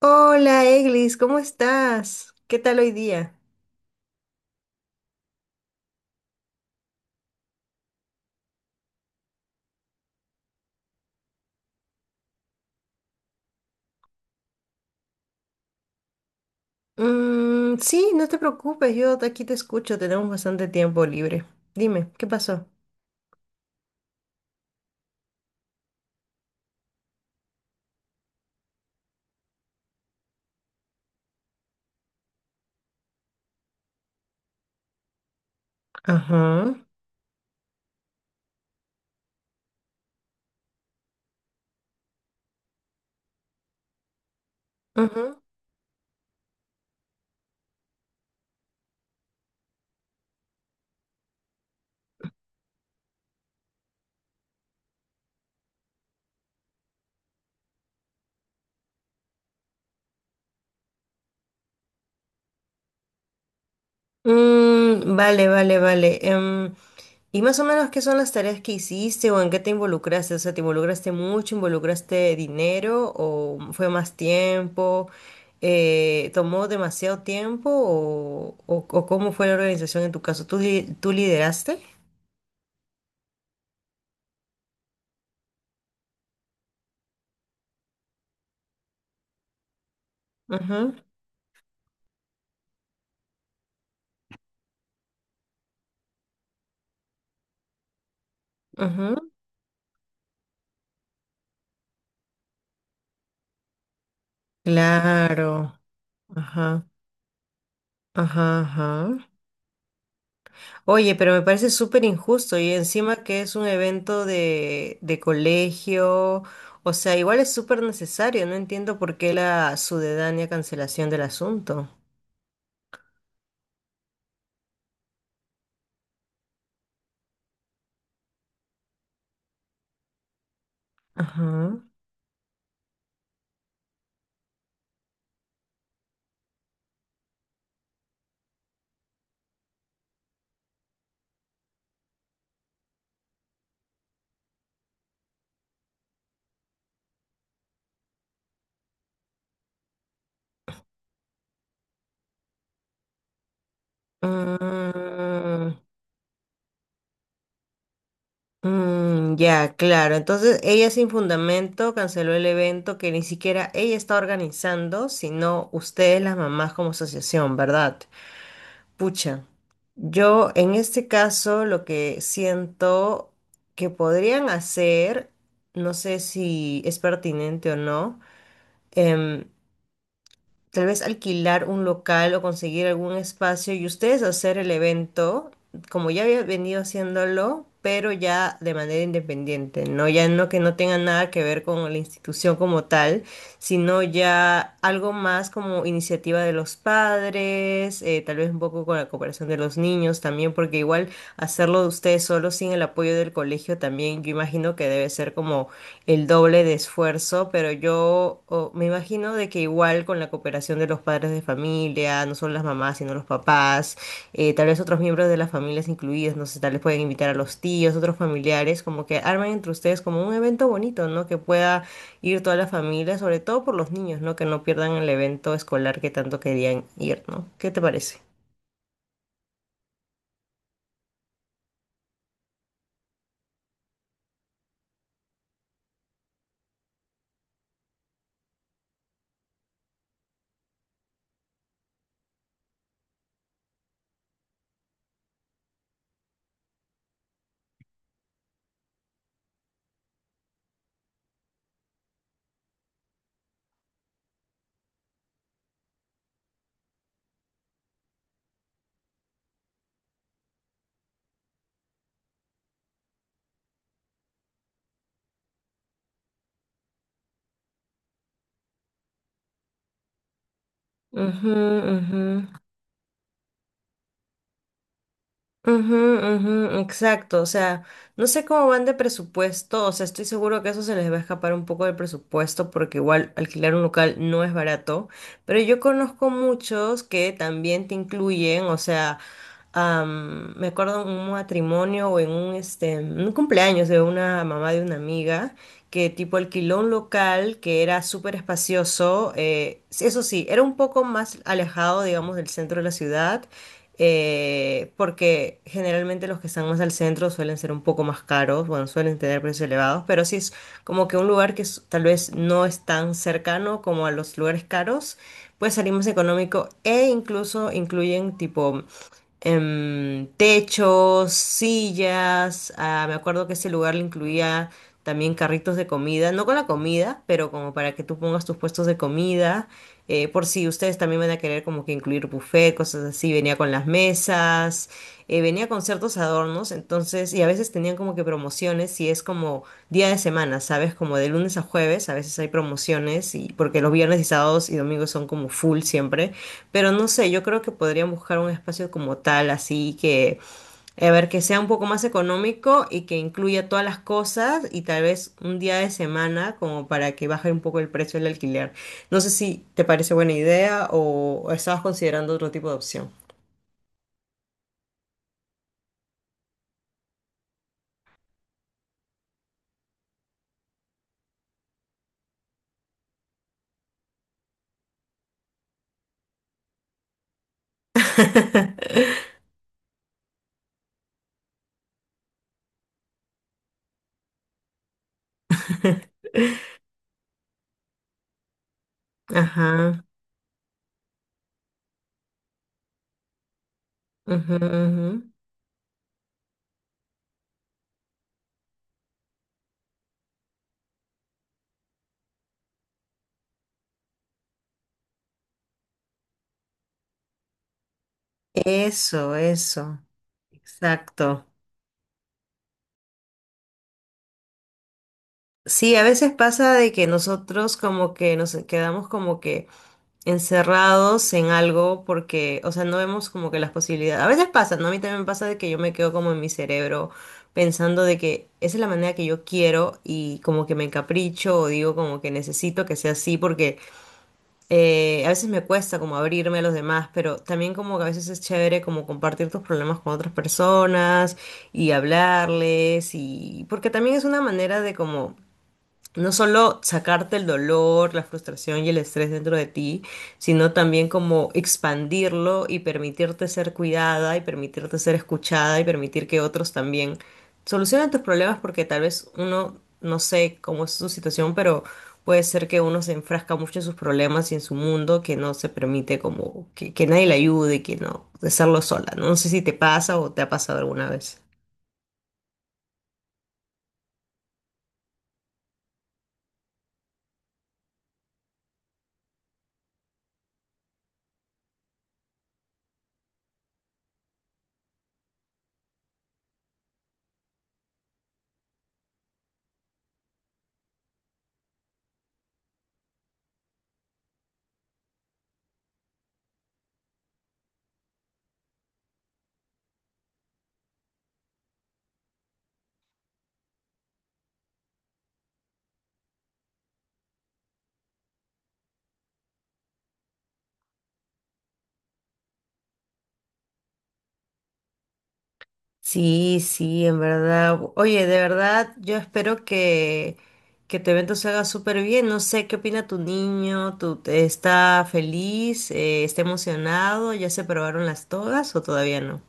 Hola, Eglis, ¿cómo estás? ¿Qué tal hoy día? Mm, sí, no te preocupes, yo de aquí te escucho, tenemos bastante tiempo libre. Dime, ¿qué pasó? Ajá, ujú. Mm, vale. ¿Y más o menos qué son las tareas que hiciste o en qué te involucraste? O sea, ¿te involucraste mucho, involucraste dinero o fue más tiempo? ¿Tomó demasiado tiempo o cómo fue la organización en tu caso? ¿Tú, tú lideraste? Ajá, ajá. Claro, ajá, ajá, ajá. Oye, pero me parece súper injusto y encima que es un evento de colegio, o sea, igual es súper necesario, no entiendo por qué la sucedánea cancelación del asunto. Ajá. Mm, ya, claro, entonces ella sin fundamento canceló el evento que ni siquiera ella está organizando, sino ustedes las mamás como asociación, ¿verdad? Pucha, yo en este caso lo que siento que podrían hacer, no sé si es pertinente o no, em, tal vez alquilar un local o conseguir algún espacio y ustedes hacer el evento, como ya había venido haciéndolo, pero ya de manera independiente, ¿no? Ya no, que no tenga nada que ver con la institución como tal, sino ya algo más como iniciativa de los padres, tal vez un poco con la cooperación de los niños también, porque igual hacerlo de ustedes solos sin el apoyo del colegio también, yo imagino que debe ser como el doble de esfuerzo, pero me imagino de que igual con la cooperación de los padres de familia, no solo las mamás, sino los papás, tal vez otros miembros de las familias incluidos, no sé, tal vez pueden invitar a los tíos, otros familiares, como que armen entre ustedes como un evento bonito, ¿no? Que pueda ir toda la familia, sobre todo por los niños, ¿no? Que no pierdan el evento escolar que tanto querían ir, ¿no? ¿Qué te parece? Ujú, ujú. Ujú, ujú, exacto, o sea, no sé cómo van de presupuesto, o sea, estoy seguro que eso se les va a escapar un poco del presupuesto porque igual alquilar un local no es barato, pero yo conozco muchos que también te incluyen, o sea, me acuerdo en un matrimonio o en un, este, un cumpleaños de una mamá de una amiga que tipo alquiló un local que era súper espacioso, eso sí, era un poco más alejado, digamos, del centro de la ciudad, porque generalmente los que están más al centro suelen ser un poco más caros, bueno, suelen tener precios elevados, pero sí es como que un lugar que tal vez no es tan cercano como a los lugares caros, puede salir más económico e incluso incluyen tipo techos, sillas. Ah, me acuerdo que ese lugar le incluía también carritos de comida, no con la comida, pero como para que tú pongas tus puestos de comida. Por si ustedes también van a querer como que incluir buffet, cosas así, venía con las mesas, venía con ciertos adornos, entonces, y a veces tenían como que promociones, y es como día de semana, ¿sabes? Como de lunes a jueves, a veces hay promociones, y porque los viernes y sábados y domingos son como full siempre. Pero no sé, yo creo que podrían buscar un espacio como tal, así que, a ver, que sea un poco más económico y que incluya todas las cosas y tal vez un día de semana como para que baje un poco el precio del alquiler. No sé si te parece buena idea o estabas considerando otro tipo de opción. Ajá. Ujú, ujú. Eso, eso. Exacto. Sí, a veces pasa de que nosotros como que nos quedamos como que... encerrados en algo porque, o sea, no vemos como que las posibilidades. A veces pasa, ¿no? A mí también me pasa de que yo me quedo como en mi cerebro pensando de que esa es la manera que yo quiero y como que me encapricho o digo como que necesito que sea así porque a veces me cuesta como abrirme a los demás, pero también como que a veces es chévere como compartir tus problemas con otras personas y hablarles y porque también es una manera de como no solo sacarte el dolor, la frustración y el estrés dentro de ti, sino también como expandirlo y permitirte ser cuidada y permitirte ser escuchada y permitir que otros también solucionen tus problemas porque tal vez uno, no sé cómo es su situación, pero puede ser que uno se enfrasca mucho en sus problemas y en su mundo que no se permite como que nadie le ayude, que no, de hacerlo sola, ¿no? No sé si te pasa o te ha pasado alguna vez. Sí, sí, en verdad. Oye, de verdad, yo espero que tu evento se haga súper bien. No sé, ¿qué opina tu niño? ¿Tú está feliz? ¿Está emocionado? ¿Ya se probaron las togas o todavía no?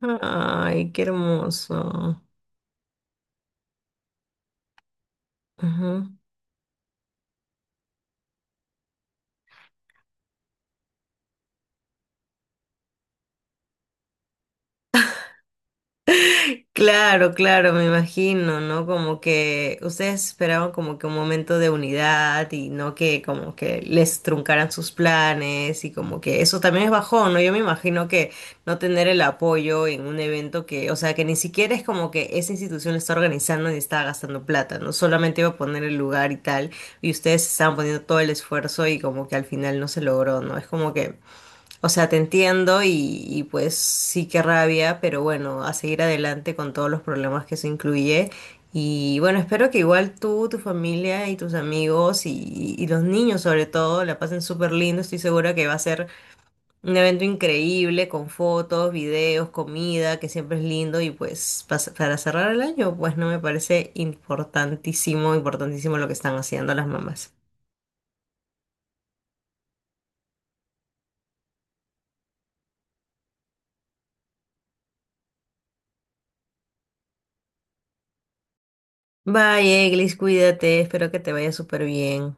Ay, qué hermoso. Claro, claro, me imagino, ¿no? Como que ustedes esperaban como que un momento de unidad y no que como que les truncaran sus planes y como que eso también es bajón, ¿no? Yo me imagino que no tener el apoyo en un evento que, o sea, que ni siquiera es como que esa institución lo está organizando ni está gastando plata, ¿no? Solamente iba a poner el lugar y tal, y ustedes estaban poniendo todo el esfuerzo y como que al final no se logró, ¿no? Es como que o sea, te entiendo y pues sí que rabia, pero bueno, a seguir adelante con todos los problemas que eso incluye. Y bueno, espero que igual tú, tu familia y tus amigos y los niños sobre todo la pasen súper lindo. Estoy segura que va a ser un evento increíble con fotos, videos, comida, que siempre es lindo. Y pues para cerrar el año, pues no me parece importantísimo, importantísimo lo que están haciendo las mamás. Bye, Eglis, cuídate, espero que te vaya súper bien.